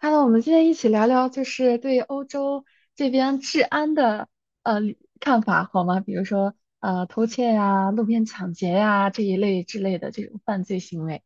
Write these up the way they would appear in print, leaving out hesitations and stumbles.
Hello,我们今天一起聊聊，就是对欧洲这边治安的呃看法好吗？比如说偷窃呀、路边抢劫呀这一类之类的这种犯罪行为。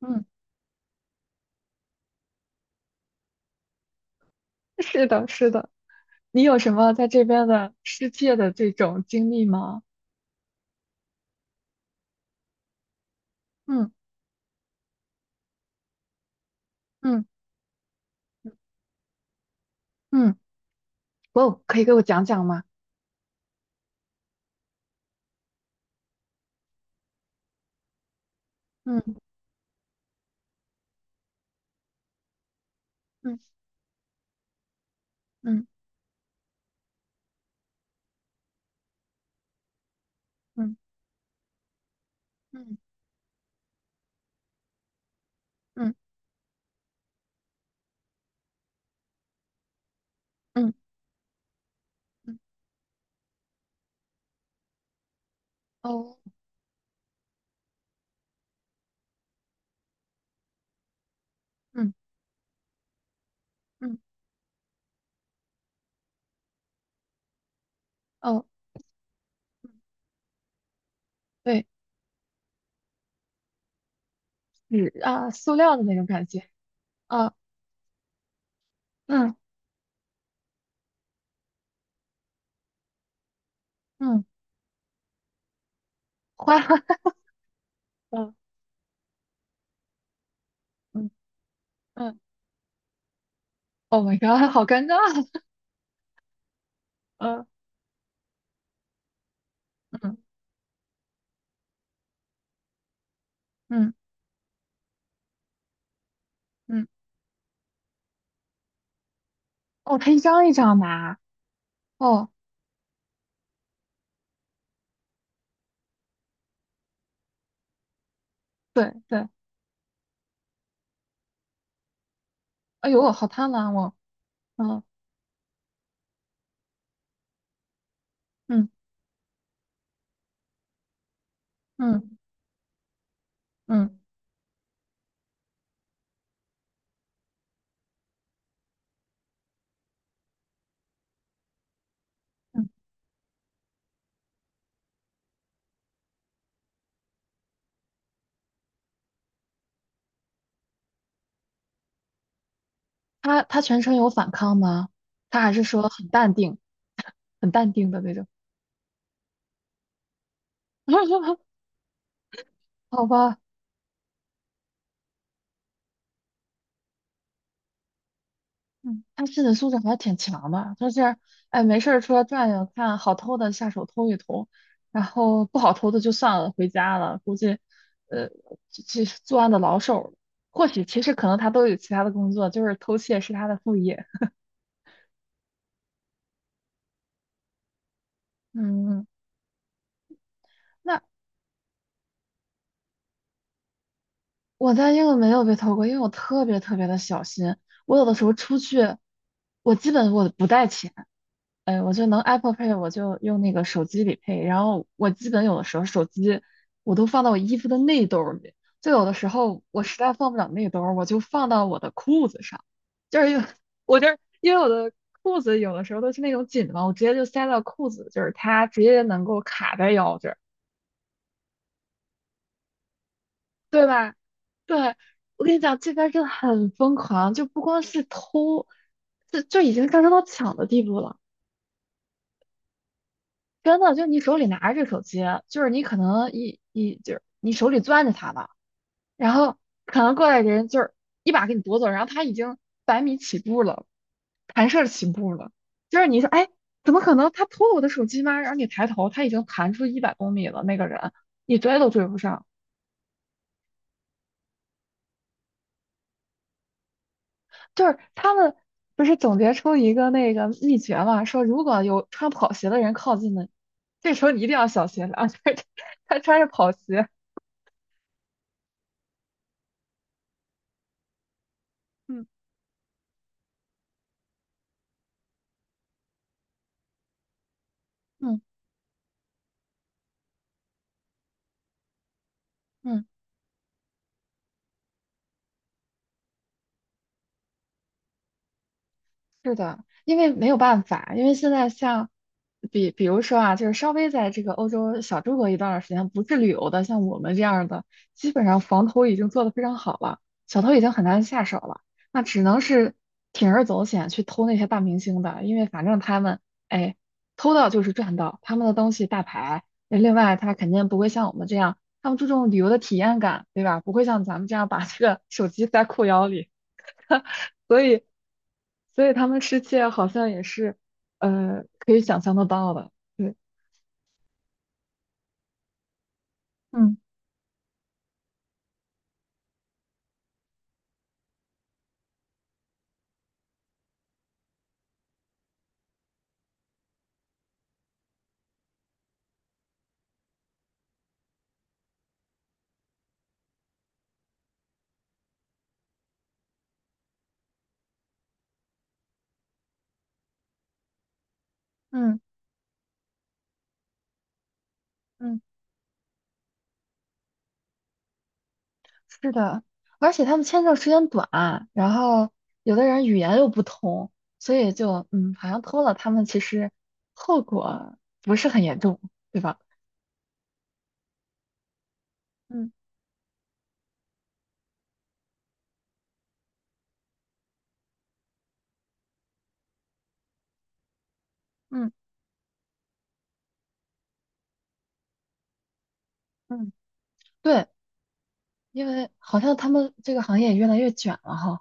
嗯，是的，是的。你有什么在这边的失窃的这种经历吗？嗯。嗯。嗯。哦，可以给我讲讲吗？嗯。嗯。嗯。嗯。嗯。嗯。嗯。嗯。哦。嗯。嗯。哦，对，纸啊，塑料的那种感觉。啊，嗯。嗯，花，嗯。嗯。嗯，Oh my god,好尴尬，嗯，嗯。嗯。嗯。哦，他一张一张拿。哦。对对。哎呦，好贪婪哦。嗯。嗯。嗯。嗯。嗯。他他全程有反抗吗？他还是说很淡定。很淡定的那种？好吧。嗯，他心理素质还挺强的，就是哎，没事儿出来转悠，看好偷的下手偷一偷，然后不好偷的就算了，回家了。估计，呃，这这作案的老手了，或许其实可能他都有其他的工作，就是偷窃是他的副业。嗯。那我在英国没有被偷过，因为我特别特别的小心。我有的时候出去，我基本我不带钱。哎，我就能 Apple Pay,我就用那个手机里配。然后我基本有的时候手机我都放到我衣服的内兜儿里，就有的时候我实在放不了内兜儿我就放到我的裤子上。就是有 我这因为我的裤子有的时候都是那种紧的嘛，我直接就塞到裤子，就是它直接能够卡在腰这儿，对吧？对，我跟你讲，这边儿真的很疯狂，就不光是偷，就已经上升到抢的地步了。真的，就你手里拿着这手机，就是你可能一就是你手里攥着它吧，然后可能过来人就是一把给你夺走，然后他已经百米起步了，弹射起步了，就是你说哎，怎么可能他偷了我的手机吗？然后你抬头，他已经弹出一百公里了，那个人你追都追不上。就是他们不是总结出一个那个秘诀嘛，说如果有穿跑鞋的人靠近了，这时候你一定要小心了，就是他穿着跑鞋。嗯。嗯。嗯。是的，因为没有办法，因为现在像比如说啊，就是稍微在这个欧洲小住过一段儿时间，不是旅游的，像我们这样儿的，基本上防偷已经做得非常好了，小偷已经很难下手了，那只能是铤而走险去偷那些大明星的，因为反正他们哎偷到就是赚到，他们的东西大牌，那另外他肯定不会像我们这样，他们注重旅游的体验感，对吧？不会像咱们这样把这个手机塞裤腰里。所以，所以他们失窃好像也是，可以想象得到的。对。嗯。嗯。嗯。是的，而且他们签证时间短，然后有的人语言又不通，所以就嗯，好像偷了他们，其实后果不是很严重，对吧？嗯。嗯。嗯。对，因为好像他们这个行业也越来越卷了哈。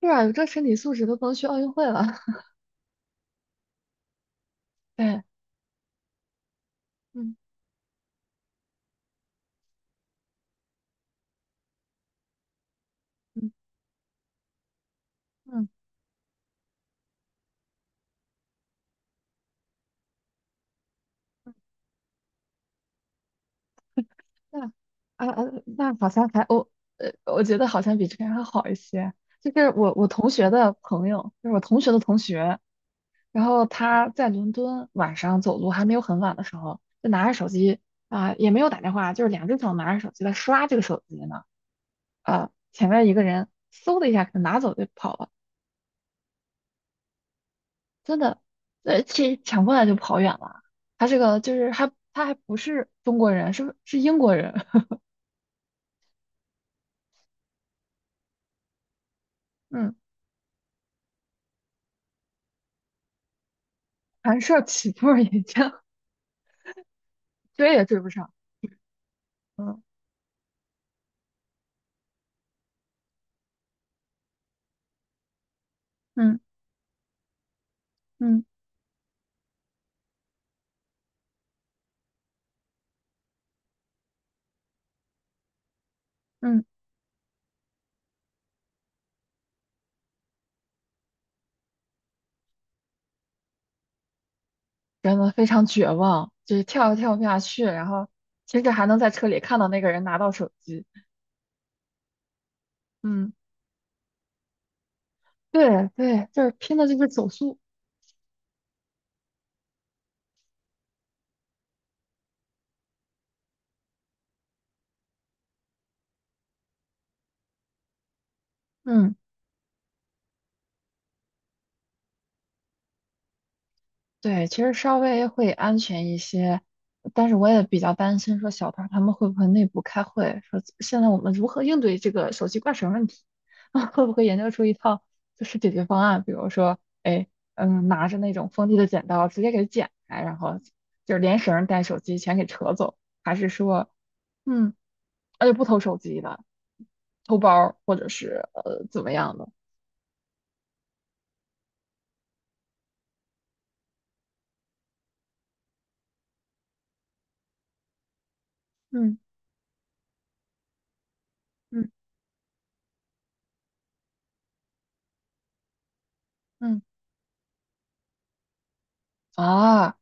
是啊，有这身体素质都不能去奥运会了。对。嗯。嗯。嗯。那啊啊，那好像还我，我觉得好像比这边还好一些。就是我同学的朋友，就是我同学的同学，然后他在伦敦晚上走路还没有很晚的时候，就拿着手机，啊、也没有打电话，就是两只手拿着手机在刷这个手机呢。啊、前面一个人嗖的一下给他拿走就跑了，真的，这抢过来就跑远了。他这个就是还他还不是中国人，是英国人。嗯，寒舍起步也这样。追也追不上。嗯。嗯。嗯。嗯。真的非常绝望，就是跳也跳不下去，然后其实还能在车里看到那个人拿到手机。嗯，对对，就是拼的就是手速。嗯。对，其实稍微会安全一些，但是我也比较担心说小团他们会不会内部开会，说现在我们如何应对这个手机挂绳问题，会不会研究出一套就是解决方案，比如说，哎，嗯，拿着那种锋利的剪刀直接给剪开，然后就是连绳带手机全给扯走，还是说，嗯，那就不偷手机了，偷包儿或者是怎么样的。嗯。嗯。嗯。啊。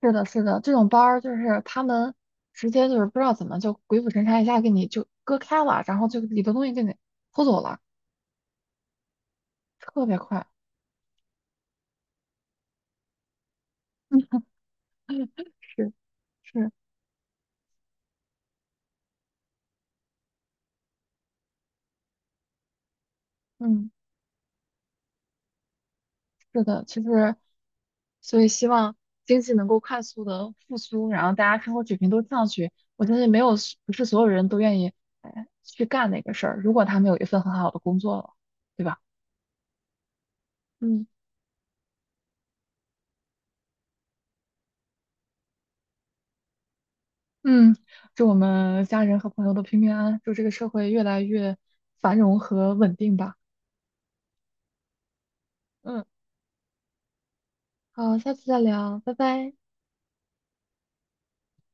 是的，是的，这种班儿就是他们直接就是不知道怎么就鬼斧神差一下给你就割开了，然后就里头东西给你偷走了，特别快。是，是。嗯。是的，其实，所以希望经济能够快速的复苏，然后大家生活水平都上去。我相信没有不是所有人都愿意哎去干那个事儿，如果他们有一份很好的工作了，对吧？嗯。嗯，祝我们家人和朋友都平平安安，祝这个社会越来越繁荣和稳定吧。嗯，好，下次再聊，拜拜。